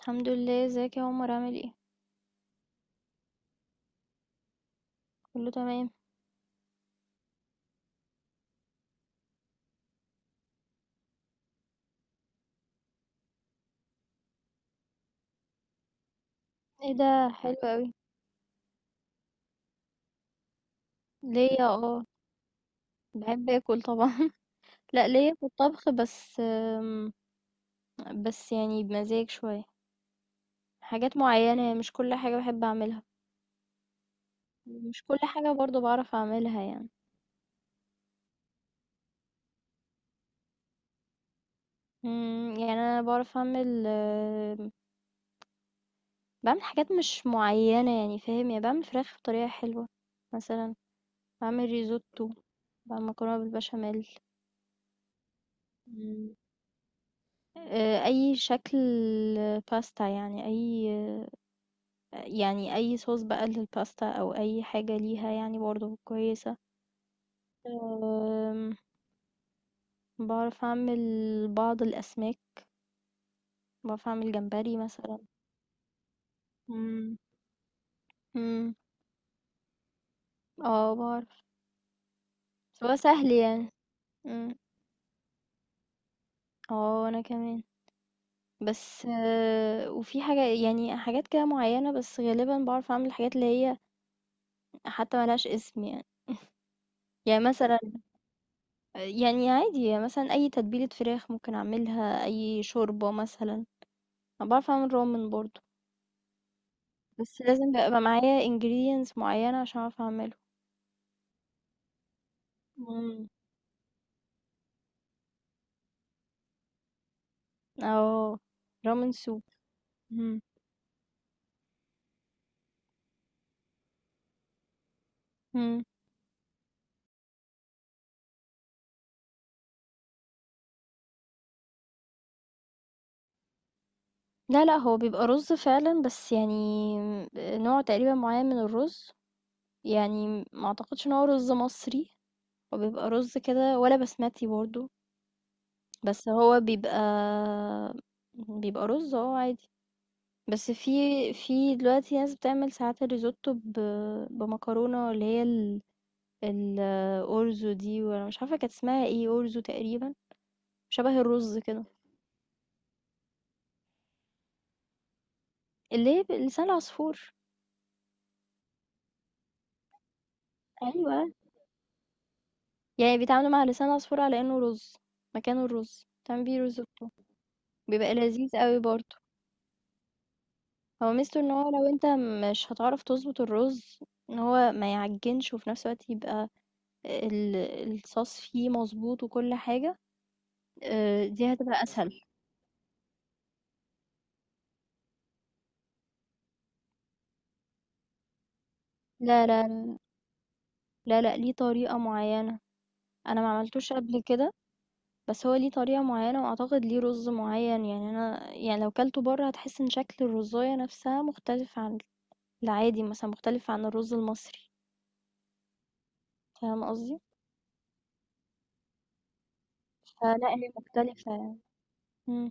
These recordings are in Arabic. الحمد لله. ازيك يا عمر؟ عامل ايه؟ كله تمام. ايه ده؟ حلو قوي. ليا، اه. بحب اكل طبعا. لا، ليا في الطبخ، بس بس يعني بمزاج شوية. حاجات معينة، مش كل حاجة بحب اعملها. مش كل حاجة برضو بعرف اعملها يعني. يعني انا بعرف اعمل، بعمل حاجات مش معينة يعني فاهم. يعني بعمل فراخ بطريقة حلوة مثلا. بعمل ريزوتو. بعمل مكرونة بالبشاميل. أي شكل باستا، يعني أي صوص بقى للباستا، أو أي حاجة ليها يعني برضه كويسة. آمم، باعرف أعمل بعض الأسماك، باعرف أعمل جمبري مثلًا. إمم. إمم. آه باعرف، بس هو سهل يعني. إمم. آه وأنا كمان. بس وفي حاجة، يعني حاجات كده معيّنة، بس غالبًا باعرف أعمل الحاجات اللي هي حتى ما لهاش اسم يعني. يعني مثلًا، يعني عادي مثلًا أي تتبيلة فراخ ممكن أعملها، أي شوربة مثلًا. أنا باعرف أعمل رامن برضه، بس لازم يبقى معايا ingredients معيّنة عشان أعرف أعمله. إمم. آه، رامن soup. اهم. إمم. لا، لأ، هو بيبقى رز فعلًا، بس يعني نوع تقريبا معيّن من الرز. يعني ما أعتقدش إن هو رز مصري. هو بيبقى رز كده ولا بسمتي برضه، بس هو بيبقى رز عادي. بس في دلوقتي ناس بتعمل ساعات الريزوتو بمكرونة، اللي هي الأورزو دي، وانا مش عارفة كانت اسمها ايه. أورزو تقريبا، شبه الرز كده. اللي هي لسان العصفور. ايوه. يعني بيتعاملوا مع لسان العصفور على انه رز، مكانه الرز، تعمل بيه ريزوتو. بيبقى لذيذ قوي برضه. هو ميزته ان هو لو انت مش هتعرف تظبط الرز، ان هو ما يعجنش وفي نفس الوقت يبقى ال... الصوص فيه مظبوط وكل حاجة. دي هتبقى اسهل. لا، لا، لا. لا، لأ، ليه طريقة معينة. أنا ما عملتوش قبل كده، بس هو ليه طريقة معينة وأعتقد ليه رز معين. يعني أنا، يعني لو كلته بره هتحس إن شكل الرزاية نفسها مختلف عن العادي، مثلا مختلف عن الرز المصري. فاهم قصدي؟ فلا هي مختلفة يعني. امم.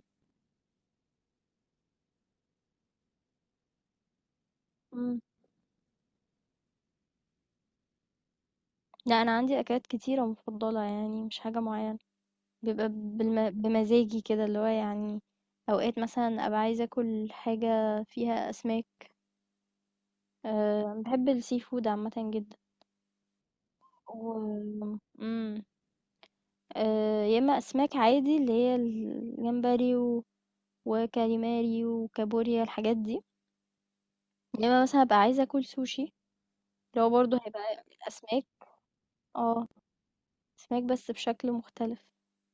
امم. لا، أنا عندي أكلات كتيرة مفضلة، يعني مش حاجة معينة. بيبقى بمزاجي كده اللي هو يعني. أوقات مثلا أبقى عايزة أكل حاجة فيها أسماك. أه بحب السي فود عامة جدا. و إمم. يا إمّا أسماك عادي اللي هي الجمبري و وكاليماري وكابوريا، الحاجات دي. يا إمّا مثلًا هابقى عايزة آكل سوشي، اللي هو برضه هيبقى أسماك. آه. أسماك بس بشكل مختلف.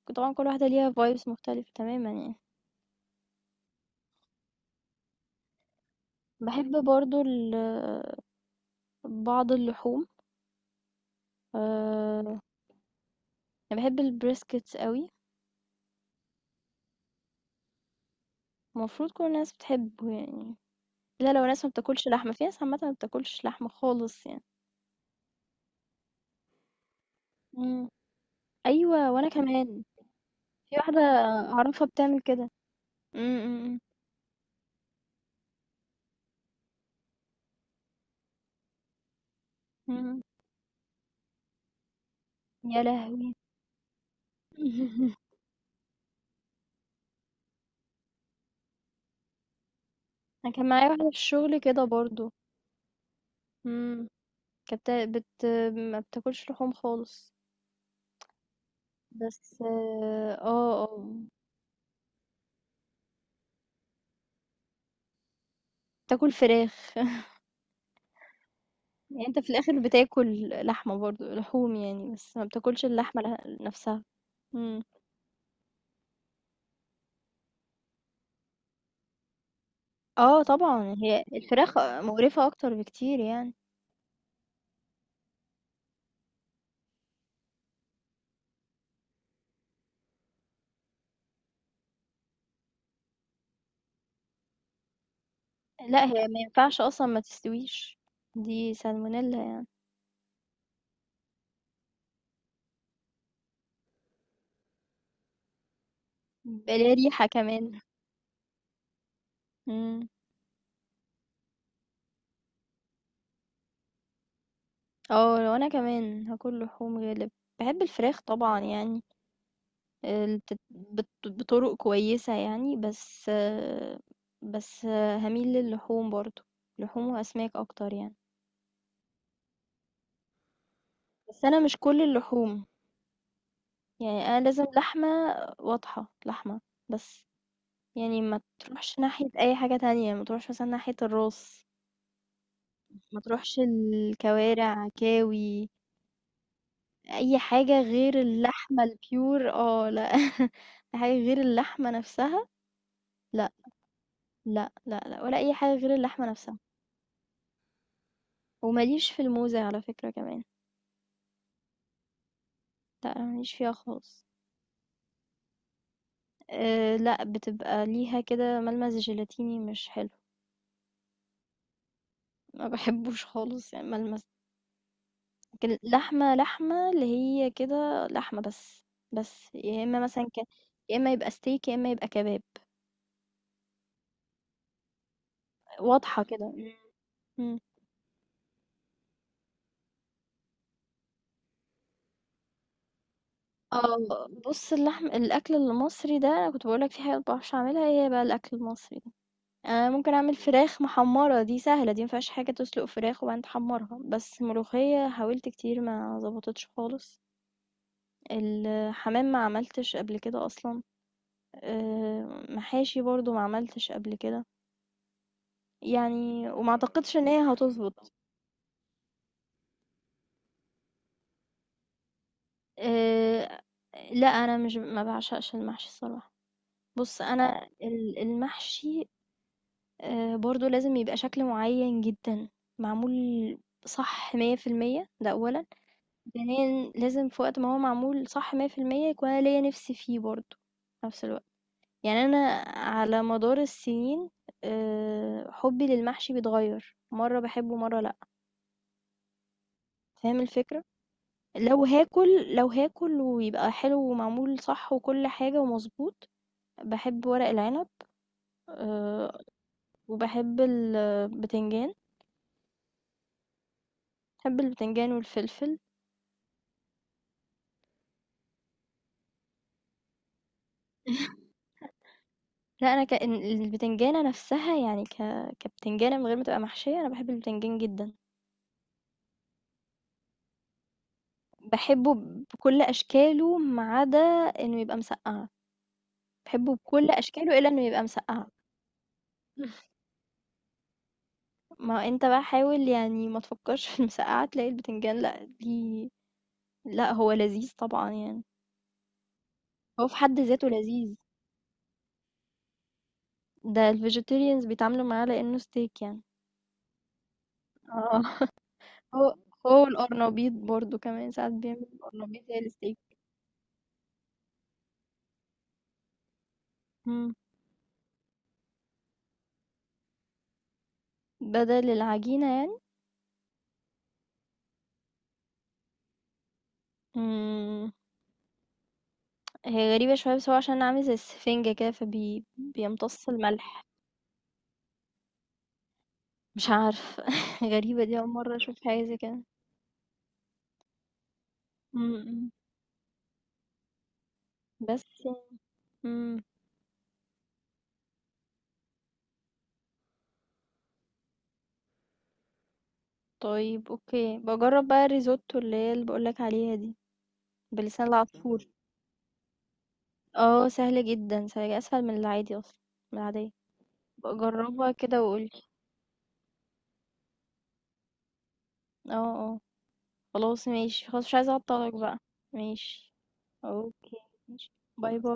طبعًا كل واحدة ليها vibes مختلفة تمامًا يعني. باحب برضه بعض اللحوم. آآ أنا باحب الbriskets أوي. المفروض كل الناس بتحبه يعني، إلّا لو ناس ما بتاكلش لحمة، في ناس عامةً ما بتاكلش لحمة خالص يعني. إمم. أيوه وأنا كمان. في واحدة أعرفها بتعمل كده. إمم. إمم. إمم. إمم. يا لهوي! أنا كان معايا واحدة في الشغل كده برضه. إمم. كانت ما بتاكلش لحوم خالص، بس بتاكل فراخ. يعني أنت في الآخر بتاكل لحمة برضه، لحوم يعني، بس ما بتاكلش اللحمة نفسها. إمم. آه طبعًا، هي الفراخ مقرفة أكتر بكتير يعني. لأ، هي ما ينفعش أصلًا ما تستويش. دي salmonella. بلا ريحة كمان. مم. اه لو انا كمان هاكل لحوم غالب. بحب الفراخ طبعا يعني. بطرق كويسة يعني، بس هميل للحوم برضو. لحوم واسماك اكتر يعني. بس انا مش كل اللحوم. يعني انا لازم لحمة واضحة، لحمة بس. يعني ما تروحش ناحية اي حاجة تانية، ما تروحش مثلا ناحية الراس. ما تروحش الكوارع كاوي. أي حاجة غير اللحمة الpure، آه لأ. حاجة غير اللحمة نفسها. لأ، لأ، لأ، لأ، ولا أي حاجة غير اللحمة نفسها. وما ليش في الموزة على فكرة كمان. لأ، أنا ما ليش فيها خالص. لأ، بتبقى ليها كده ملمس جيلاتيني مش حلو. ما باحبوش خالص يعني الملمس. لكن اللحمة لحمة، اللي هي كده لحمة بس، بس يا إما مثلًا يا إما يبقى steak، يا إما يبقى كباب. واضحة كده. إمم. إمم. آه، بُص. الأكل المصري ده، أنا كنت باقول لك في حاجات ما باعرفش أعملها، هي بقى الأكل المصري ده. يعني أنا ممكن أعمل فراخ محمّرة، دي سهلة، دي ما فيهاش حاجة، تسلُق فراخ وبعدين تحمّرها، بس ملوخية حاولت كتير ما ضبطتش خالص. الحمام ما عملتش قبل كده أصلًا. محاشي برضه ما عملتش قبل كده. يعني وما أعتقدش إن هي هتضبط. آآ، لأ، أنا مش ما باعشقش المحشي الصراحة. بُص أنا المحشي برضو لازم يبقى شكل معين جدا، معمول صح 100%، ده أولا. ثانيا لازم في وقت ما هو معمول صح مية في المية، يكون أنا ليا نفسي فيه برضو في نفس الوقت. يعني أنا على مدار السنين، حبي للمحشي بيتغير، مرة بحبه مرة لأ. فاهم الفكرة؟ لو هاكل ويبقى حلو ومعمول صح وكل حاجة ومظبوط. بحب ورق العنب، آه، وبحب البتنجان. بحب البتنجان والفلفل. لأ، أنا كإن البتنجانة نفسها، يعني كبتنجانة من غير ما تبقى محشية. أنا باحب البتنجان جدًا، باحبه بكل أشكاله ما عدا إنه يبقى مسقعة. باحبه بكل أشكاله إلا إنه يبقى مسقعة. ما أنت بقى حاول، يعني ما تفكّرش في المسقعة تلاقي البتنجان، لأ دي. لأ هو لذيذ طبعًا يعني. هو في حد ذاته لذيذ. ده الvegetarians بيتعاملوا معاه لإنه steak يعني. آه. هو هو والقرنبيط برضه كمان، ساعات بيعمل القرنبيط زي الsteak. إمم. بدل العجينة يعني. إمم. هي غريبة شوية، بس هو عشان أنا عامل زي السفنجة كده، فبي بيمتص الملح. مش عارفة. غريبة، دي أول مرة أشوف حاجة زي كده. إمم. إمم. بس إمم. طيب أوكي، باجرّب بقى الريزوتو اللي باقول لك عليها دي، بلسان العصفور. آه سهلة جدًا، سهلة أسهل من العادي أصلًا، من العادية. ابقى جرّبها كده وقُل لي. آه. آه. خلاص ماشي. خلاص مش عايزة أعطّلك بقى. ماشي. أوكي. ماشي. باي باي.